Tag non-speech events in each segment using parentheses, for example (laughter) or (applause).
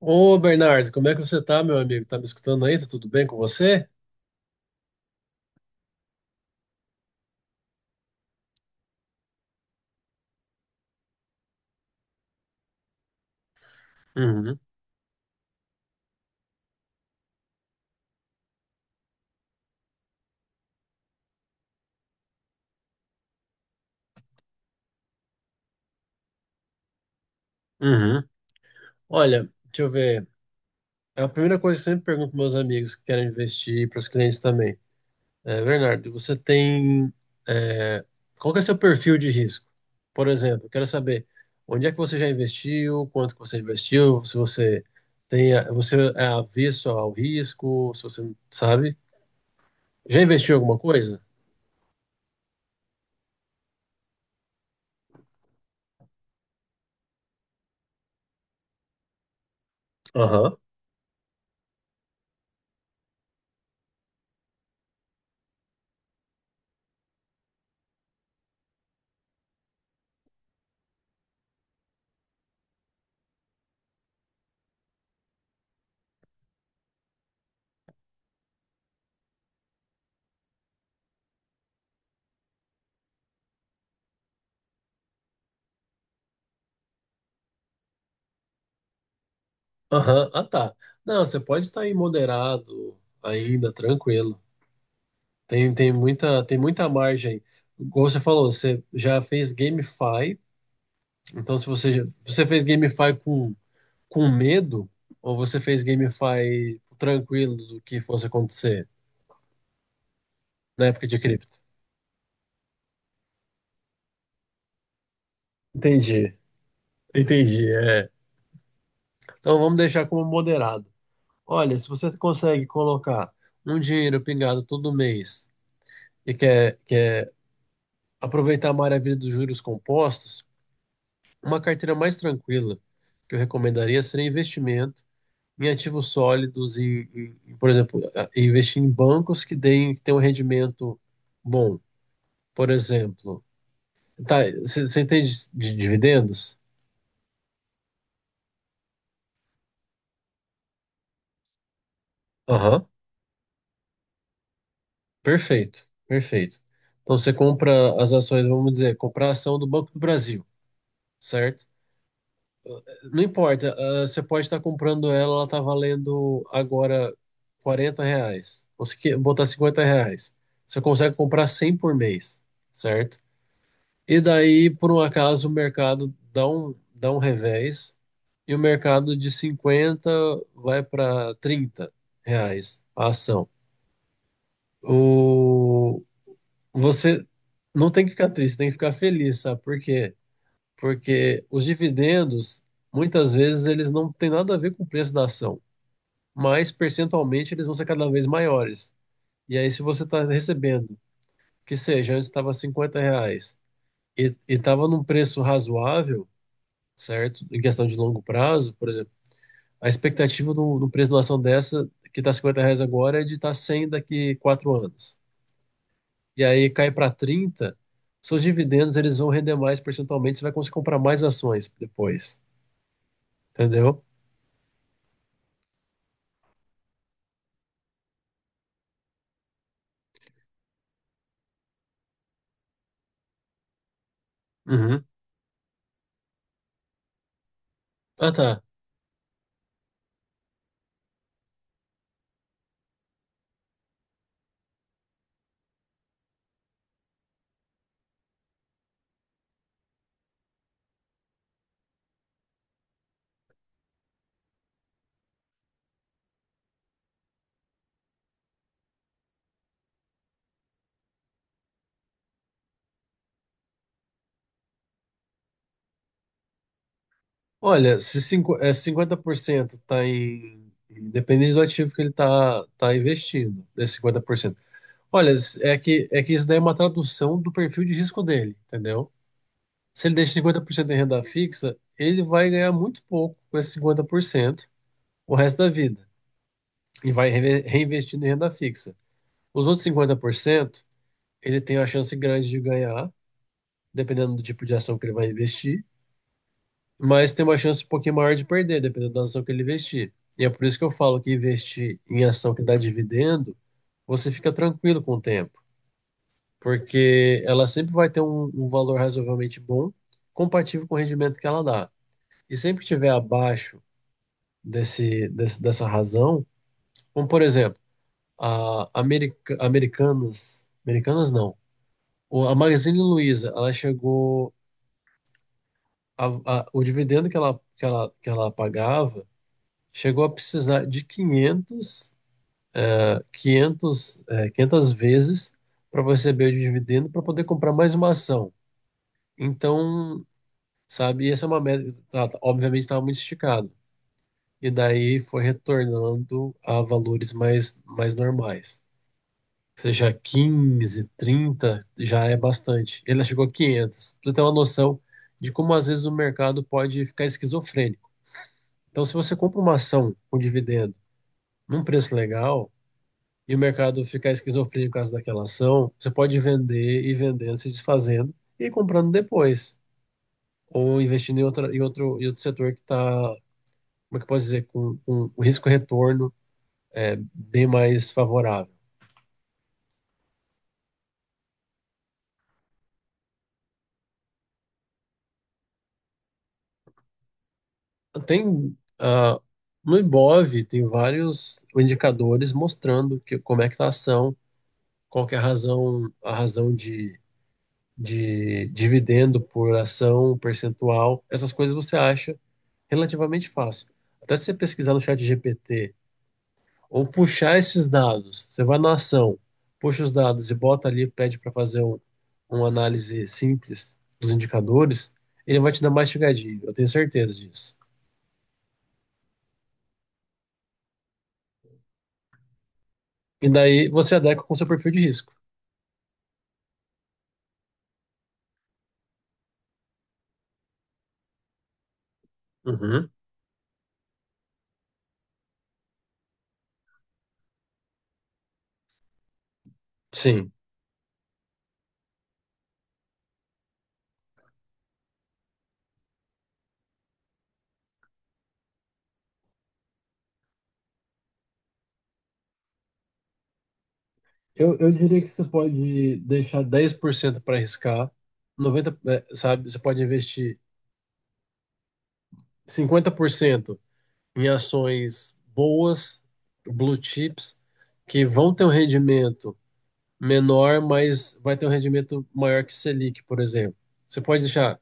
Ô, Bernardo, como é que você tá, meu amigo? Tá me escutando aí? Tá tudo bem com você? Uhum, uhum. Olha, deixa eu ver. É a primeira coisa que eu sempre pergunto para meus amigos que querem investir e para os clientes também. É, Bernardo, você tem. é, Qual que é seu perfil de risco? Por exemplo, eu quero saber onde é que você já investiu, quanto que você investiu, se você tem, você é avesso ao risco, se você sabe. Já investiu em alguma coisa? Aham, ah, tá. Não, você pode estar aí moderado, ainda tranquilo. Tem muita margem. Como você falou, você já fez GameFi, então se você, já- você fez GameFi com medo, ou você fez GameFi tranquilo do que fosse acontecer na época de cripto? Entendi, entendi, é. Então vamos deixar como moderado. Olha, se você consegue colocar um dinheiro pingado todo mês e quer aproveitar a maravilha dos juros compostos, uma carteira mais tranquila que eu recomendaria seria investimento em ativos sólidos e, por exemplo, e investir em bancos que tenham um rendimento bom. Por exemplo, tá, você entende de dividendos? Aham, perfeito, perfeito. Então você compra as ações, vamos dizer, comprar a ação do Banco do Brasil, certo? Não importa, você pode estar comprando ela, ela tá valendo agora R$ 40. Ou se botar R$ 50. Você consegue comprar 100 por mês, certo? E daí, por um acaso, o mercado dá um revés e o mercado de 50 vai para R$ 30 a ação. O, você não tem que ficar triste, tem que ficar feliz, sabe? Porque os dividendos, muitas vezes, eles não têm nada a ver com o preço da ação, mas percentualmente eles vão ser cada vez maiores. E aí, se você está recebendo, que seja, antes estava R$ 50 e estava num preço razoável, certo? Em questão de longo prazo, por exemplo, a expectativa do preço de uma ação dessa, que está R$ 50 agora, é de estar 100 daqui 4 anos. E aí cai para 30, seus dividendos eles vão render mais percentualmente, você vai conseguir comprar mais ações depois, entendeu? Uhum. Ah, tá. Olha, se 50% está em. Depende do ativo que ele está tá tá investindo, desse 50%. Olha, é que isso daí é uma tradução do perfil de risco dele, entendeu? Se ele deixa 50% em renda fixa, ele vai ganhar muito pouco com esse 50% o resto da vida. E vai reinvestindo em renda fixa. Os outros 50% ele tem a chance grande de ganhar, dependendo do tipo de ação que ele vai investir. Mas tem uma chance um pouquinho maior de perder, dependendo da ação que ele investir. E é por isso que eu falo que investir em ação que dá dividendo, você fica tranquilo com o tempo, porque ela sempre vai ter um valor razoavelmente bom, compatível com o rendimento que ela dá. E sempre que tiver abaixo dessa razão, como por exemplo, Americanas, Americanas não, a Magazine Luiza, ela chegou, a- o dividendo que ela pagava chegou a precisar de 500, 500, 500 vezes para receber o dividendo para poder comprar mais uma ação. Então, sabe, essa é uma meta, que obviamente estava muito esticado. E daí foi retornando a valores mais normais. Ou seja, 15, 30 já é bastante. Ele chegou a 500. Pra você ter uma noção de como às vezes o mercado pode ficar esquizofrênico. Então, se você compra uma ação com dividendo num preço legal, e o mercado ficar esquizofrênico por causa daquela ação, você pode vender e vendendo, se desfazendo e comprando depois. Ou investindo em outro setor que está, como é que eu posso dizer, com, o risco-retorno é bem mais favorável. Tem, no Ibov, tem vários indicadores mostrando que, como é que está a ação, qual que é a razão, a razão de dividendo por ação, percentual, essas coisas você acha relativamente fácil. Até se você pesquisar no chat GPT ou puxar esses dados, você vai na ação, puxa os dados e bota ali, pede para fazer uma análise simples dos indicadores, ele vai te dar mastigadinho, eu tenho certeza disso. E daí você adequa com o seu perfil de risco. Uhum. Sim. Eu diria que você pode deixar 10% para arriscar, 90, sabe? Você pode investir 50% em ações boas, blue chips, que vão ter um rendimento menor, mas vai ter um rendimento maior que Selic, por exemplo. Você pode deixar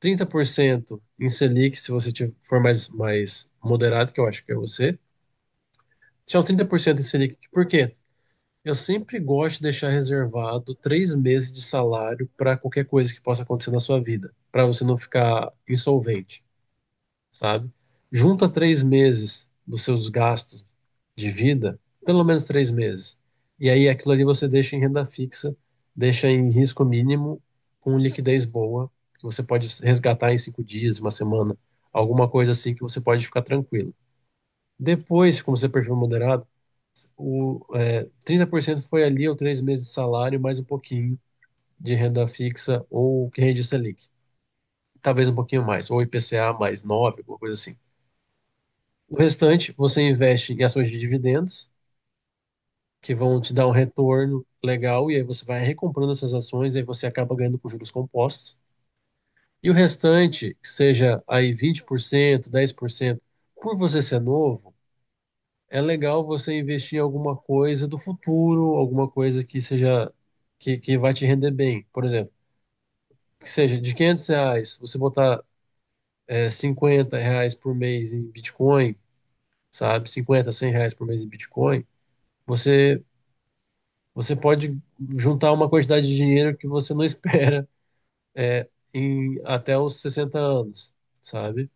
30% em Selic, se você for mais moderado, que eu acho que é você. Deixar uns 30% em Selic. Por quê? Eu sempre gosto de deixar reservado 3 meses de salário para qualquer coisa que possa acontecer na sua vida, para você não ficar insolvente. Sabe? Junta 3 meses dos seus gastos de vida, pelo menos 3 meses. E aí aquilo ali você deixa em renda fixa, deixa em risco mínimo, com liquidez boa, que você pode resgatar em 5 dias, uma semana, alguma coisa assim que você pode ficar tranquilo. Depois, como você é perfil moderado, 30% foi ali ou 3 meses de salário, mais um pouquinho de renda fixa ou que rende Selic. Talvez um pouquinho mais, ou IPCA mais 9 alguma coisa assim. O restante você investe em ações de dividendos, que vão te dar um retorno legal, e aí você vai recomprando essas ações, e aí você acaba ganhando com juros compostos. E o restante, que seja aí 20% 10% por você ser novo, é legal você investir em alguma coisa do futuro, alguma coisa que seja que vai te render bem. Por exemplo, que seja de R$ 500, você botar R$ 50 por mês em Bitcoin, sabe? Cinquenta 100 reais por mês em Bitcoin, você Você pode juntar uma quantidade de dinheiro que você não (laughs) espera em até os 60 anos, sabe?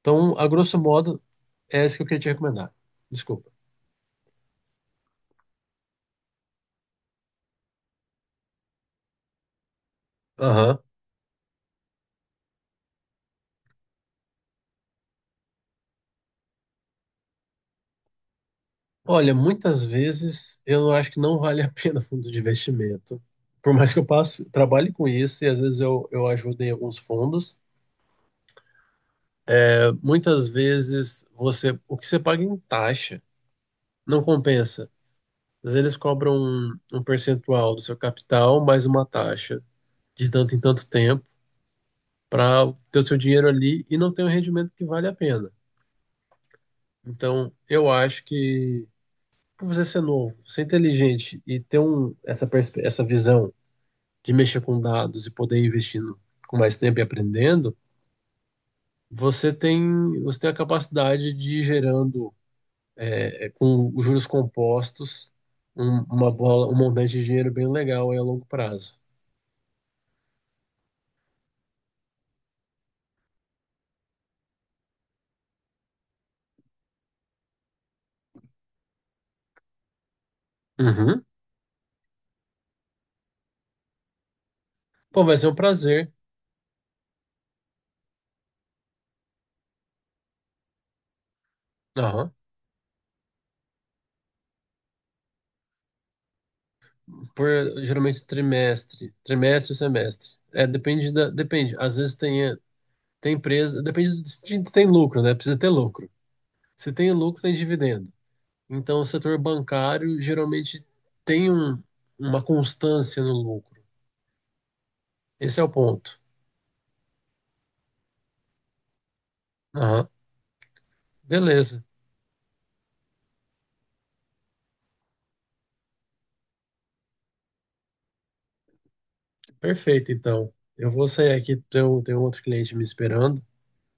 Então, a grosso modo, é isso que eu queria te recomendar. Desculpa. Aham. Olha, muitas vezes eu acho que não vale a (laughs) pena fundo de investimento. Por mais que eu passe, trabalhe com isso e às vezes eu ajudo em alguns fundos. É, muitas vezes você o que você paga em taxa não compensa. Às vezes eles cobram um percentual do seu capital mais uma taxa de tanto em tanto tempo. Para ter o seu dinheiro ali e não tem um rendimento que vale a pena. Então, eu acho que por você ser novo, ser inteligente e ter essa visão de mexer com dados e poder ir investindo com mais tempo e aprendendo, você tem, você tem a capacidade de ir gerando com os juros compostos uma bola, um montante de dinheiro bem legal aí a longo prazo. Uhum. Pô, vai ser um prazer. Aham. Por geralmente trimestre ou semestre. É, depende. Às vezes tem empresa, depende de se tem lucro, né? Precisa ter lucro. Se tem lucro, tem dividendo. Então, o setor bancário geralmente tem uma constância no lucro. Esse é o ponto. Aham. Beleza. Perfeito, então. Eu vou sair aqui, tem um outro cliente me esperando,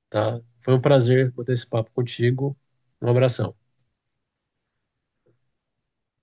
tá? Foi um prazer bater esse papo contigo. Um abração.